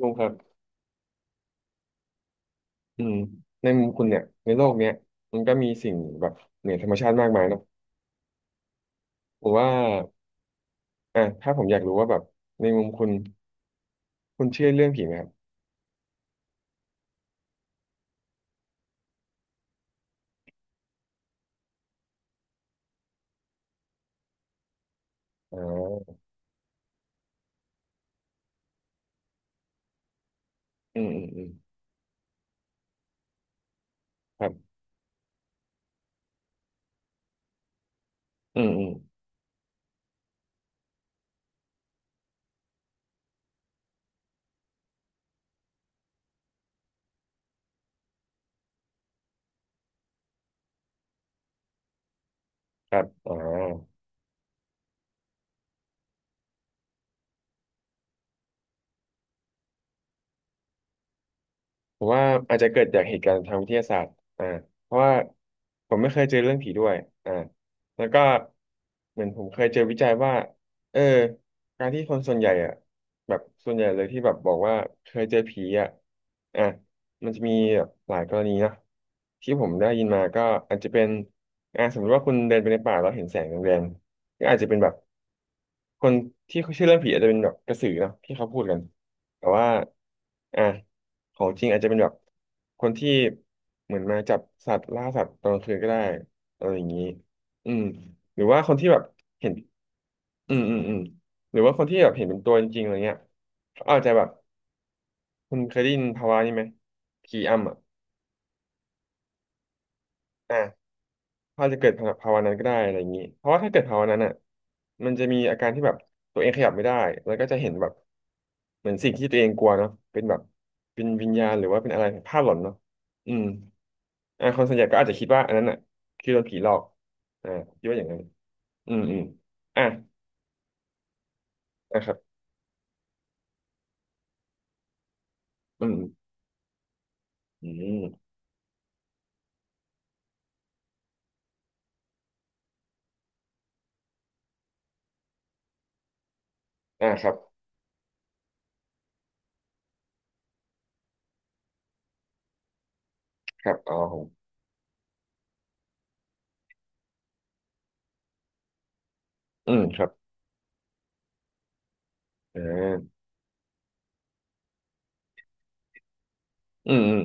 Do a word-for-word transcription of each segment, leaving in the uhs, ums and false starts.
ลุงครับอืมในมุมคุณเนี่ยในโลกเนี้ยมันก็มีสิ่งแบบเหนือธรรมชาติมากมายเนาะผมว่าอ่ะถ้าผมอยากรู้ว่าแบบในมุมคุณคุณเชื่อเรื่องผีไหมครับอ่าอืมอืมอืมครับอืมอืมครับอ่า ผมว่าอาจจะเกิดจากเหตุการณ์ทางวิทยาศาสตร์อ่าเพราะว่าผมไม่เคยเจอเรื่องผีด้วยอ่าแล้วก็เหมือนผมเคยเจอวิจัยว่า เออ การที่คนส่วนใหญ่อ่ะแบบส่วนใหญ่เลยที่แบบบอกว่าเคยเจอผีอ่ะอ่ะมันจะมีแบบหลายกรณีนะที่ผมได้ยินมาก็อาจจะเป็นอ่าสมมติว่าคุณเดินไปในป่าแล้วเห็นแสงแดงๆก็อาจจะเป็นแบบคนที่เขาเชื่อเรื่องผีอาจจะเป็นแบบกระสือเนาะที่เขาพูดกัน แต่ว่าอ่ะของจริงอาจจะเป็นแบบคนที่เหมือนมาจับสัตว์ล่าสัตว์ตอนกลางคืนก็ได้อะไรอย่างนี้อืมหรือว่าคนที่แบบเห็นอืมอืมอืมหรือว่าคนที่แบบเห็นเป็นตัวจริงๆอะไรเงี้ยเขาอาจจะแบบคุณเคยได้ยินภาวะนี้ไหมผีอำอ่ะอ่ะ พอาจจะเกิดภาวะนั้นก็ได้อะไรอย่างนี้เพราะว่าถ้าเกิดภาวะนั้นอ่ะมันจะมีอาการที่แบบตัวเองขยับไม่ได้แล้วก็จะเห็นแบบเหมือนสิ่งที่ตัวเองกลัวเนาะเป็นแบบเป็นวิญญาณหรือว่าเป็นอะไรภาพหลอนเนาะอืมอ่าคนส่วนใหญ่ก็อาจจะคิดว่าอันนั้นอ่ะคือโดนผีหลอกอ่าคิดว่าอย่างนั้นอืมอืมอ่ะอ่ะครับอืมอืมอ่ะครับครับอ๋อผมอืมครับอ่าอืมอืม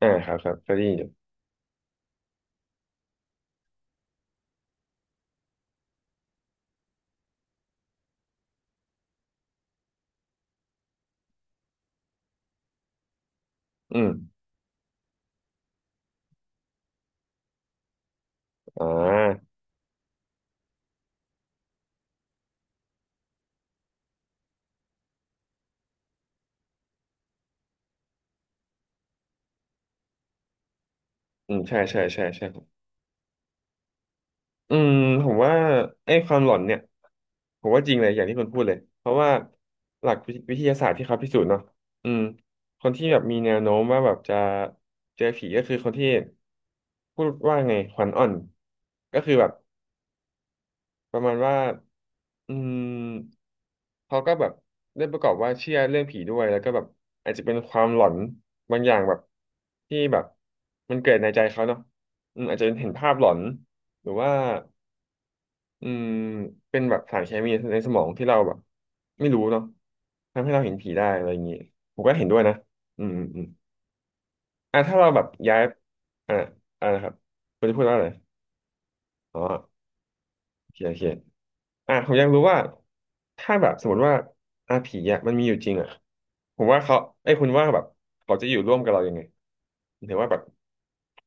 อ่าครับครับเคยได้ยินอยู่อืมอ่าอืมใช่ใช่ใช่ใช่ อืมผมว่าไอ้ความหลอนเนี่ยผมว่าจริงเลยอย่างที่คุณพูดเลยเพราะว่าหลักวิวิทยาศาสตร์ที่เขาพิสูจน์เนาะอืมคนที่แบบมีแนวโน้มว่าแบบจะเจอผีก็คือคนที่พูดว่าไงขวัญอ่อนก็คือแบบประมาณว่าอืมเขาก็แบบได้ประกอบว่าเชื่อเรื่องผีด้วยแล้วก็แบบอาจจะเป็นความหลอนบางอย่างแบบที่แบบมันเกิดในใจเขาเนาะอืมอาจจะเป็นเห็นภาพหลอนหรือว่า อืมเป็นแบบสารเคมีในสมองที่เราแบบไม่รู้เนาะทำให้เราเห็นผีได้อะไรอย่างงี้ผมก็เห็นด้วยนะอืมอืมอืมอ่ะถ้าเราแบบย้ายอ่ะอ่ะนะครับคุณจะพูดว่าอะไรอ๋อโอเคโอเคอ่ะผมอยากรู้ว่าถ้าแบบสมมติว่าอ่ผีอ่ะมันมีอยู่จริงอ่ะผมว่าเขาไอ้ยคุณว่าแบบเขาจะอยู่ร่วมกับเรายังไงหรือว่าแบบ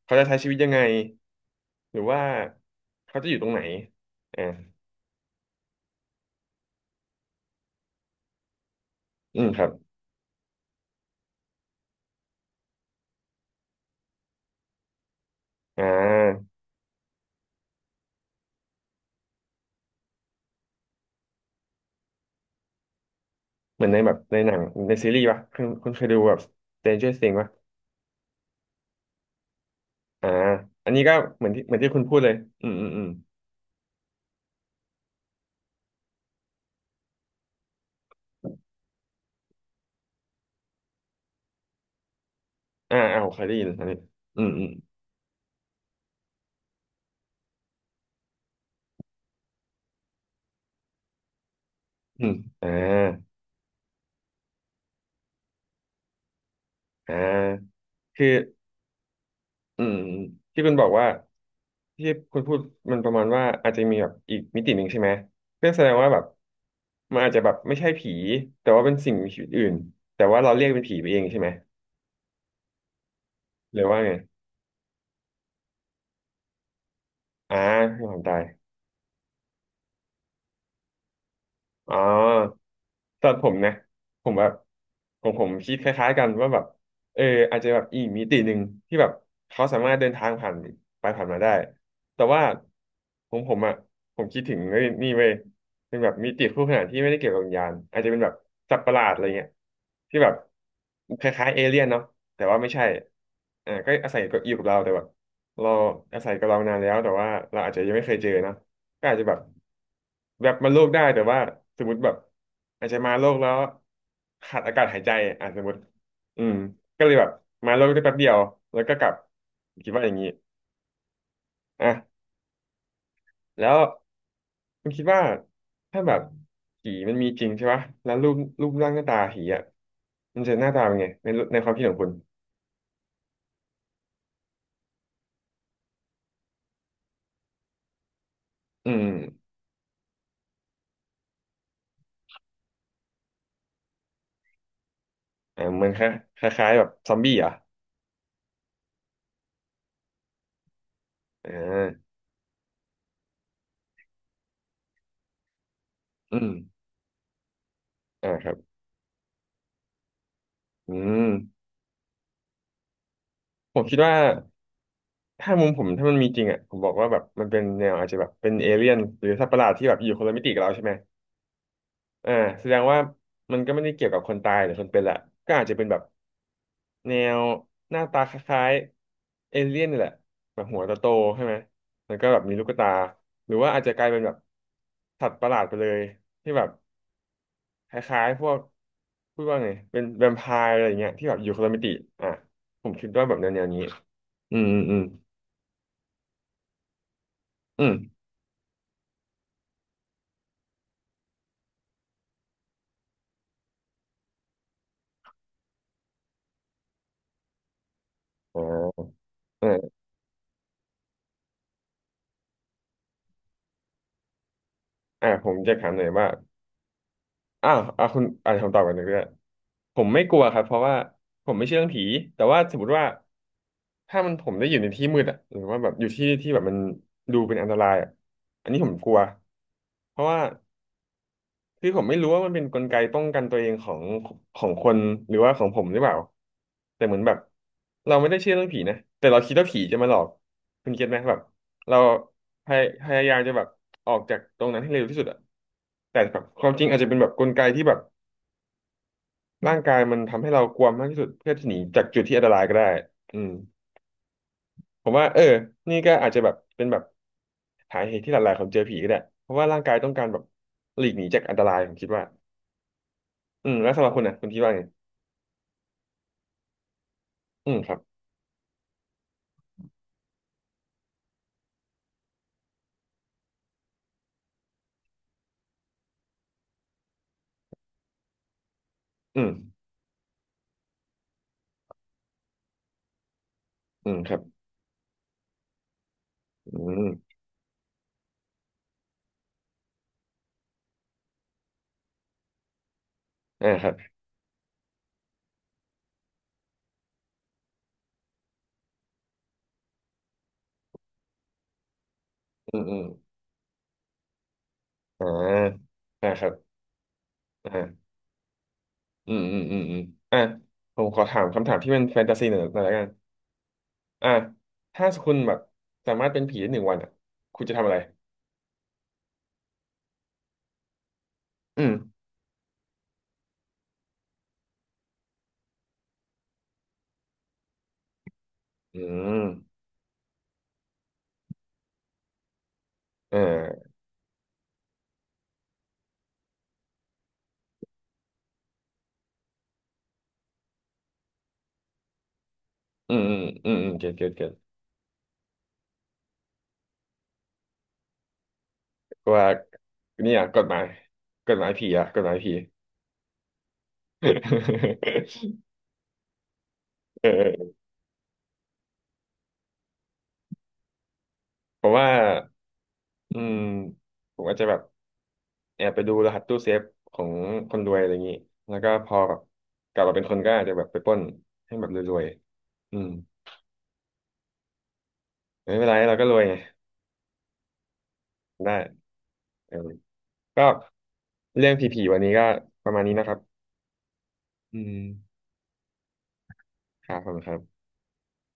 เขาจะใช้ชีวิตยังไงหรือว่าเขาจะอยู่ตรงไหนอ่าอืมครับอ่า เหมือนในแบบในหนังในซีรีส์ป่ะคุณคุณเคยดูแบบ Stranger Things ป่ะอ่าอันนี้ก็เหมือนที่เหมือนที่คุณพูดเลยอืมอืมอืมอ่าอ่าผมเคยได้ยินอันนี้อืมอืมอืมอ่าอ่าคืออืมที่คุณบอกว่าที่คุณพูดมันประมาณว่าอาจจะมีแบบอีกมิติหนึ่งใช่ไหมเพื่อแสดงว่าแบบมันอาจจะแบบไม่ใช่ผีแต่ว่าเป็นสิ่งมีชีวิตอื่นแต่ว่าเราเรียกเป็นผีไปเองใช่ไหมหรือว่าไงอ่าคือความตายอ๋อ สำหรับผมนะผมแบบผมผมคิดคล้ายๆกันว่าแบบเอออาจจะแบบอีกมิติหนึ่งที่แบบเขาสามารถเดินทางผ่านไปผ่านมาได้แต่ว่าผมผมอ่ะผมคิดถึงเอ้ยนี่เว้ยเป็นแบบมิติคู่ขนานที่ไม่ได้เกี่ยวกับวิญญาณอาจจะเป็นแบบสัตว์ประหลาดอะไรเงี้ยที่แบบคล้ายๆเอเลี่ยนเนาะแต่ว่าไม่ใช่อ่าก็อาศัยก็อยู่กับเราแต่แบบเราอาศัยกับเรานานแล้วแต่ว่าเราอาจจะยังไม่เคยเจอเนอะ ก็อาจจะแบบแวบมาโลกได้แต่ว่าสมมติแบบอาจจะมาโลกแล้วขาดอากาศหายใจอ่ะสมมติอืมก็เลยแบบมาโลกได้แป๊บเดียวแล้วก็กลับคิดว่าอย่างนี้อ่ะแล้วคุณคิดว่าถ้าแบบผีมันมีจริงใช่ปะแล้วรูปรูปร่างหน้าตาผีอ่ะมันจะหน้าตาเป็นไงในในความคิดของคุณอืมอ่าเหมือนคล้ายคล้ายๆแบบซอมบี้เหรอ่ะอ่าอืมอ่าครับอืมผมคิดว่า ถ้ามุมผมถ้ามันมีจริงอ่ะผมบอกว่าแบบมันเป็นแนวอาจจะแบบเป็นเอเลี่ยนหรือสัตว์ประหลาดที่แบบอยู่คนละมิติกับเราใช่ไหมอ่าแสดงว่ามันก็ไม่ได้เกี่ยวกับคนตายหรือคนเป็นละก็อาจจะเป็นแบบแนวหน้าตาคล้ายๆเอเลี่ยนนี่แหละแบบหัวโตๆใช่ไหมแล้วก็แบบมีลูกตาหรือว่าอาจจะกลายเป็นแบบสัตว์ประหลาดไปเลยที่แบบคล้ายๆพวกพูดว่าไงเป็นแวมไพร์อะไรอย่างเงี้ยที่แบบอยู่คนละมิติอ่ะผมคิดว่าแบบแนวๆนี้อืมอืมอืมอืมอ่า อ่าผมจะถามหน่อยว่าอ้าวอ่าคุณอ่าคำตอบกันหนึ่งด้วยผมไม่กลัวครับเพราะว่าผมไม่เชื่อเรื่องผีแต่ว่าสมมติว่าถ้ามันผมได้อยู่ในที่มืดอะหรือว่าแบบอยู่ที่ที่แบบมันดูเป็นอันตรายอะอันนี้ผมกลัวเพราะว่าคือผมไม่รู้ว่ามันเป็นกลไกป้องกันตัวเองของของคนหรือว่าของผมหรือเปล่าแต่เหมือนแบบเราไม่ได้เชื่อเรื่องผีนะแต่เราคิดว่าผีจะมาหลอกคุณเก็ตไหมแบบเราพยพยายามจะแบบออกจากตรงนั้นให้เร็วที่สุดอะ แต่แบบความจริงอาจจะเป็นแบบกลไกที่แบบร่างกายมันทำให้เรากลัวมากที่สุดเพื่อที่หนีจากจุดที่อันตรายก็ได้อืมผมว่าเออนี่ก็อาจจะแบบเป็นแบบสาเหตุที่หลายๆคนเจอผีก็ได้เพราะว่าร่างกายต้องการแบบหลีกหนีจากอันตรายผมคิดว่าอืมแล้วสำหรับคุณนะคุณคิดว่าไงอืมครับอืมอืมครับอืมอ่าครับอืมอืมอ่าอ่าครับอ่าอืมอืมอืมอืมอ่าผมขอถามคำถามที่เป็นแฟนตาซีหน่อยหน่อยละกันอ่าถ้าคุณแบบสามารถเป็นผีได้หนึ่งวันอ่ะคุณจะทำอะไร อืมอืมเอออืมอืมอืมอืมเก็ตเก็ตเก็ตว่าเนี่ยกฎหมายกฎหมายผีอะกฎหมายผี เออผมว่าอืมผมอาจจะแบบแอบไปดูรหัสตู้เซฟของคนรวยอะไรอย่างนี้แล้วก็พอแบบกลับมาเป็นคนก็อาจจะแบบไปปล้นให้แบบรวยๆอืมไม่เป็นไรเราก็รวยไงได้เออก็เรื่องผีๆวันนี้ก็ประมาณนี้นะครับอืมครับขอบคุณครับ